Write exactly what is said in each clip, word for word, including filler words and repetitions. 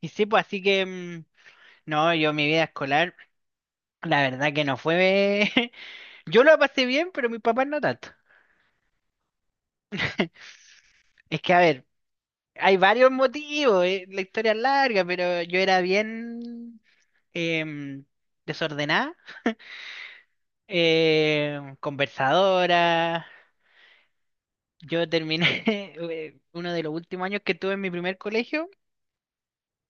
Y sí, pues así que, mm, no, yo mi vida escolar, la verdad que no fue... Yo lo pasé bien, pero mis papás no tanto. Es que, a ver, hay varios motivos. eh, La historia es larga, pero yo era bien em, desordenada, em, conversadora. Yo terminé, eh, Uno de los últimos años que tuve en mi primer colegio,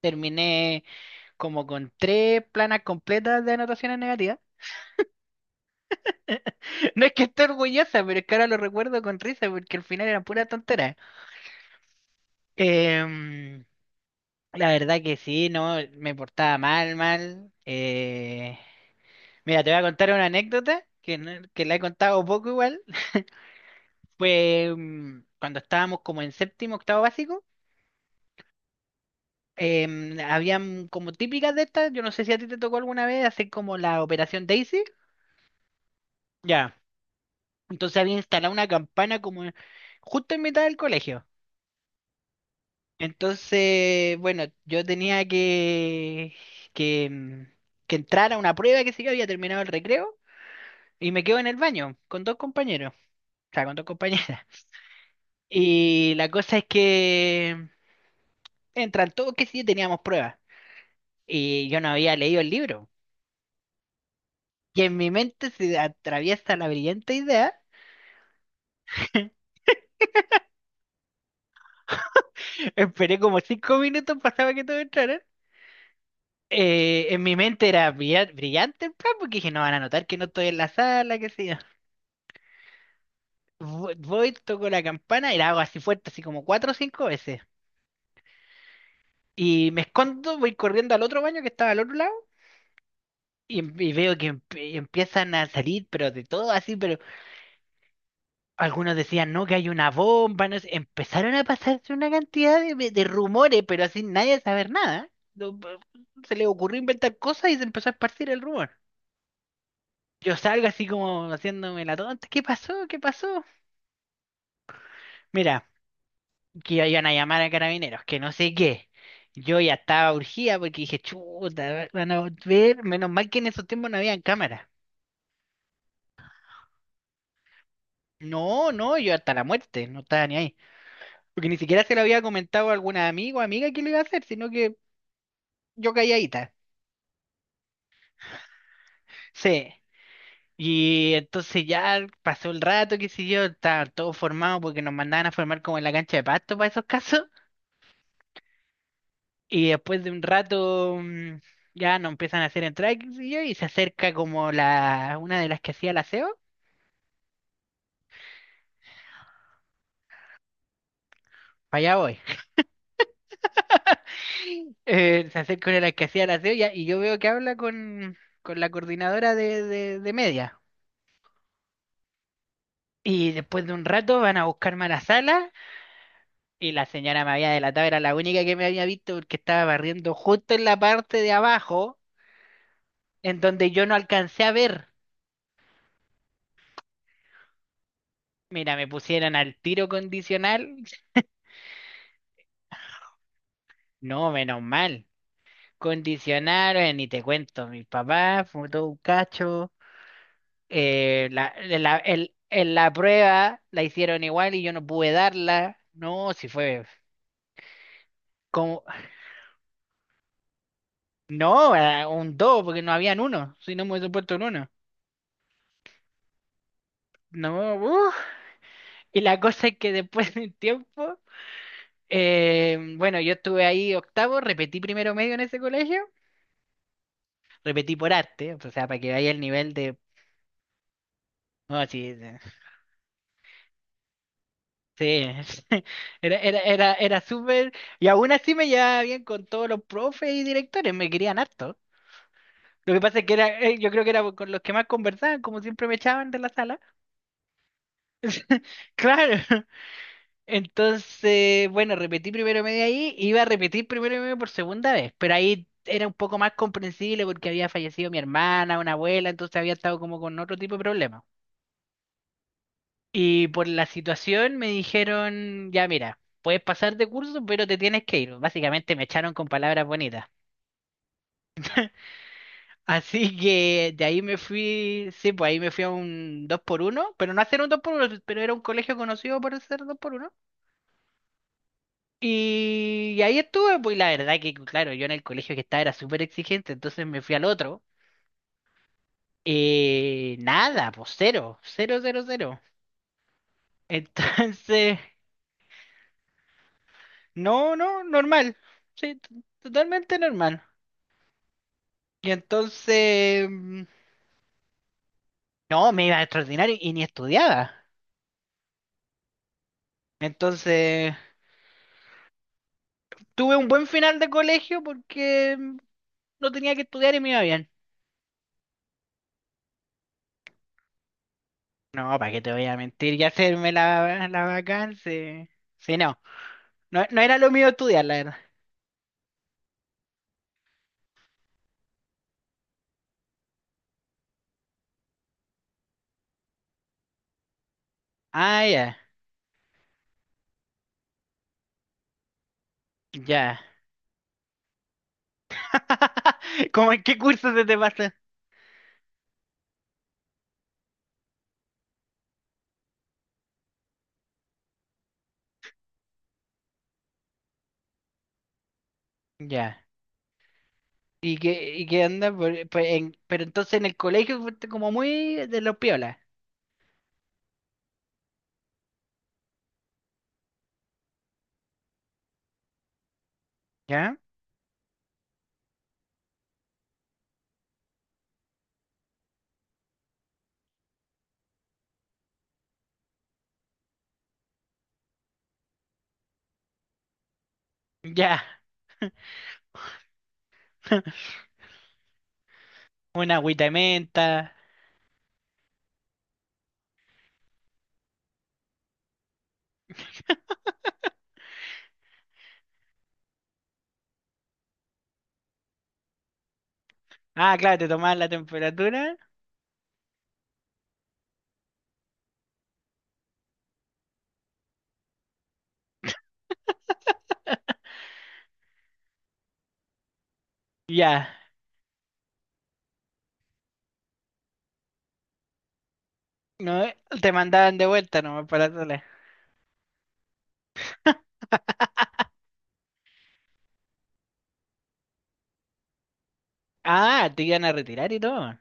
terminé como con tres planas completas de anotaciones negativas. No es que esté orgullosa, pero es que ahora lo recuerdo con risa porque al final era pura tontera. Em, la verdad que sí, no, me portaba mal, mal. Eh, mira, te voy a contar una anécdota que, no- que la he contado poco igual. Fue mm, cuando estábamos como en séptimo, octavo básico. Em, habían como típicas de estas, yo no sé si a ti te tocó alguna vez hacer como la Operación Daisy. Ya. Entonces había instalado una campana como en- justo en mitad del colegio. Entonces, bueno, yo tenía que, que, mm, que entrar a una prueba, que sé yo, había terminado el recreo y me quedo en el baño con dos compañeros, o sea, con dos compañeras. Y la cosa es que entran todos, que sí, teníamos pruebas y yo no había leído el libro. Y en mi mente se atraviesa la brillante idea. Esperé como cinco minutos, pasaba que todos entraran. Eh, en mi mente era brilla- brillante el plan, porque dije, no van a notar que no estoy en la sala, que sí. vo- voy, toco la campana y la hago así fuerte, así como cuatro o cinco veces. Y me escondo, voy corriendo al otro baño que estaba al otro lado y, em- y veo que em- empiezan a salir, pero de todo así, pero algunos decían, no, que hay una bomba, no sé. Empezaron a pasarse una cantidad de, de de rumores, pero así nadie saber nada. No, pa- se le ocurrió inventar cosas y se empezó a esparcir el rumor. Yo salgo así como haciéndome la tonta. ¿Qué pasó? ¿Qué pasó? Mira, que iban a llamar a carabineros, que no sé qué. Yo ya estaba urgida porque dije, chuta, van a ver, menos mal que en esos tiempos no habían cámaras. No, no, yo hasta la muerte, no estaba ni ahí. Porque ni siquiera se lo había comentado a algún amigo o amiga que lo iba a hacer, sino que yo calladita. Sí. Y entonces ya pasó el rato, qué sé yo, estaba todo formado porque nos mandaban a formar como en la cancha de pasto para esos casos. Y después de un rato mm, ya no empiezan a hacer entradas qué sé yo, y se acerca como la una de las que hacía el aseo, para allá voy. Eh, se acerca una de las que hacía el aseo ya- y yo veo que habla con, con la coordinadora de, de, de media. Y después de un rato van a buscarme a la sala y la señora me había delatado, era la única que me había visto porque estaba barriendo justo en la parte de abajo en donde yo no alcancé a ver. Mira, me pusieron al tiro condicional. No, menos mal. Condicionaron, eh, ni te cuento, mi papá fue todo un cacho. eh, la, la, el- en la prueba la hicieron igual y yo no pude darla. No, si fue como... No, era un dos porque no habían uno, si no me hubiese puesto un uno. No, uf. Y la cosa es que después de un tiempo, eh, bueno, yo estuve ahí octavo, repetí primero medio en ese colegio, repetí por arte, o sea, para que vaya el nivel de... No, sí, sí. era, era, era, era súper, y aún así me llevaba bien con todos los profes y directores, me querían harto. Lo que pasa es que era, eh, yo creo que era con los que más conversaban, como siempre me echaban de la sala. Claro. Entonces, bueno, repetí primero medio ahí, iba a repetir primero medio por segunda vez, pero ahí era un poco más comprensible porque había fallecido mi hermana, una abuela, entonces había estado como con otro tipo de problemas. Y por la situación me dijeron, ya mira, puedes pasar de curso, pero te tienes que ir. Básicamente me echaron con palabras bonitas. Así que de ahí me fui, sí, pues ahí me fui a un dos por uno pero no hacer un dos por uno pero era un colegio conocido por hacer dos por uno. Y ahí estuve, pues y la verdad que, claro, yo en el colegio que estaba era súper exigente, entonces me fui al otro. Eh, nada, pues cero, cero, cero, cero. Entonces, no, no, normal. Sí, t- totalmente normal. Y entonces, mm, no, me iba extraordinario y ni estudiaba. Entonces, tuve un buen final de colegio porque mm, no tenía que estudiar y me iba bien. No, ¿para qué te voy a mentir y hacerme la, la vacancia? Sí, sí, no, no, no era lo mío estudiar, la verdad. Ah, ya, ya. ¿Cómo en qué curso se te pasa? Ya. ¿Y qué, y qué onda? Por- por- en- pero entonces en el colegio fuiste como muy de los piolas, ¿ya? Ya. Una agüita de menta. Ah, claro, te tomaban la temperatura. Ya. No, eh, te mandaban de vuelta nomás para la sala. Ah, te iban a retirar y todo.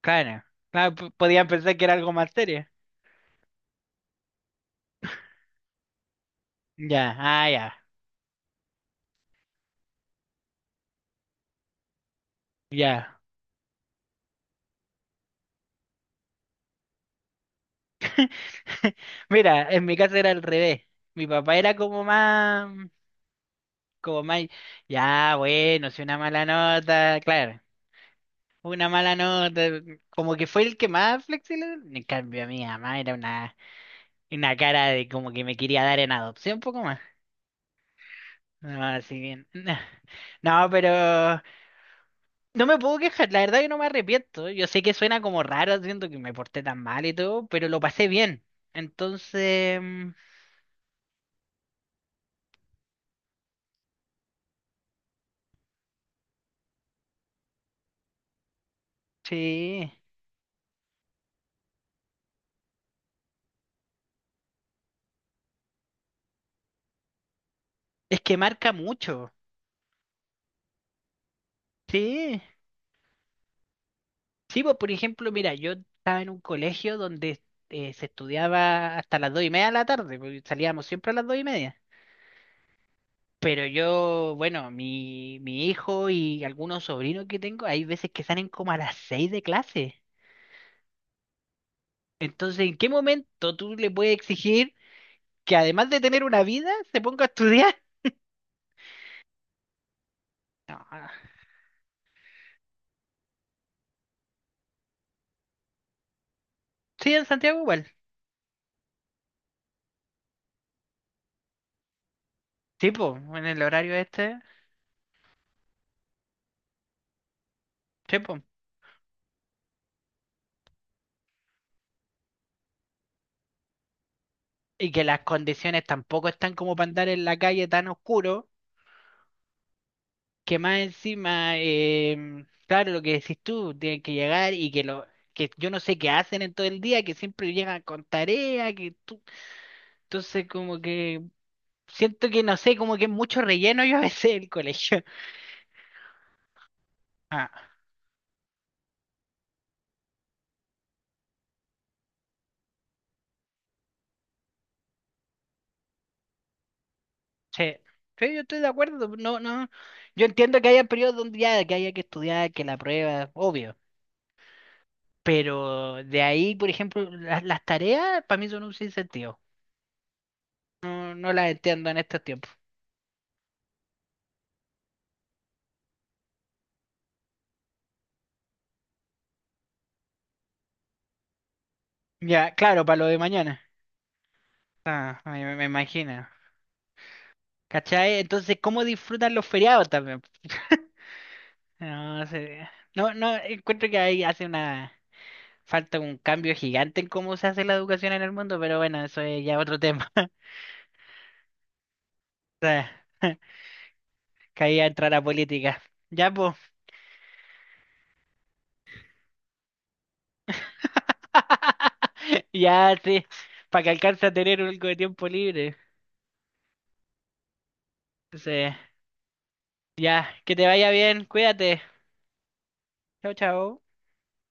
Claro. Claro, p- podían pensar que era algo más serio. Ya, ah, ya, ya. Mira, en mi caso era al revés. Mi papá era como más, como más, ya, bueno, si una mala nota, claro, una mala nota, como que fue el que más flexible. En cambio, mi mamá era una, una cara de como que me quería dar en adopción, un poco más. Ah, sí, bien. No, pero no me puedo quejar, la verdad que no me arrepiento. Yo sé que suena como raro, siento que me porté tan mal y todo, pero lo pasé bien. Entonces, mm, sí, es que marca mucho. Sí, sí, pues por ejemplo, mira, yo estaba en un colegio donde eh, se estudiaba hasta las dos y media de la tarde, porque salíamos siempre a las dos y media. Pero yo, bueno, mi, mi hijo y algunos sobrinos que tengo, hay veces que salen como a las seis de clase. Entonces, ¿en qué momento tú le puedes exigir que además de tener una vida, se ponga a estudiar? No. Sí, en Santiago igual. Tipo, en el horario este. Tipo. Y que las condiciones tampoco están como para andar en la calle tan oscuro, que más encima, em, claro, lo que decís tú, tienen que llegar y que lo que yo no sé qué hacen en todo el día, que siempre llegan con tarea, que tú... Entonces como que siento que no sé, como que es mucho relleno yo a veces el colegio. Ah. Sí, sí, yo estoy de acuerdo. No, no. Yo entiendo que haya periodos donde ya que haya que estudiar, que la prueba, obvio. Pero de ahí, por ejemplo, las, las tareas para mí son un sinsentido. No, no las entiendo en estos tiempos. Ya, claro, para lo de mañana. Ah, me, me- me imagino. ¿Cachai? Entonces, ¿cómo disfrutan los feriados también? No sé. No, no, encuentro que ahí hace una falta un cambio gigante en cómo se hace la educación en el mundo, pero bueno, eso es ya otro tema. O sea, caía entrar a la política. Ya, pues. Ya, sí. Para que alcance a tener algo de tiempo libre. Entonces, ya, que te vaya bien, cuídate. Chao, chao.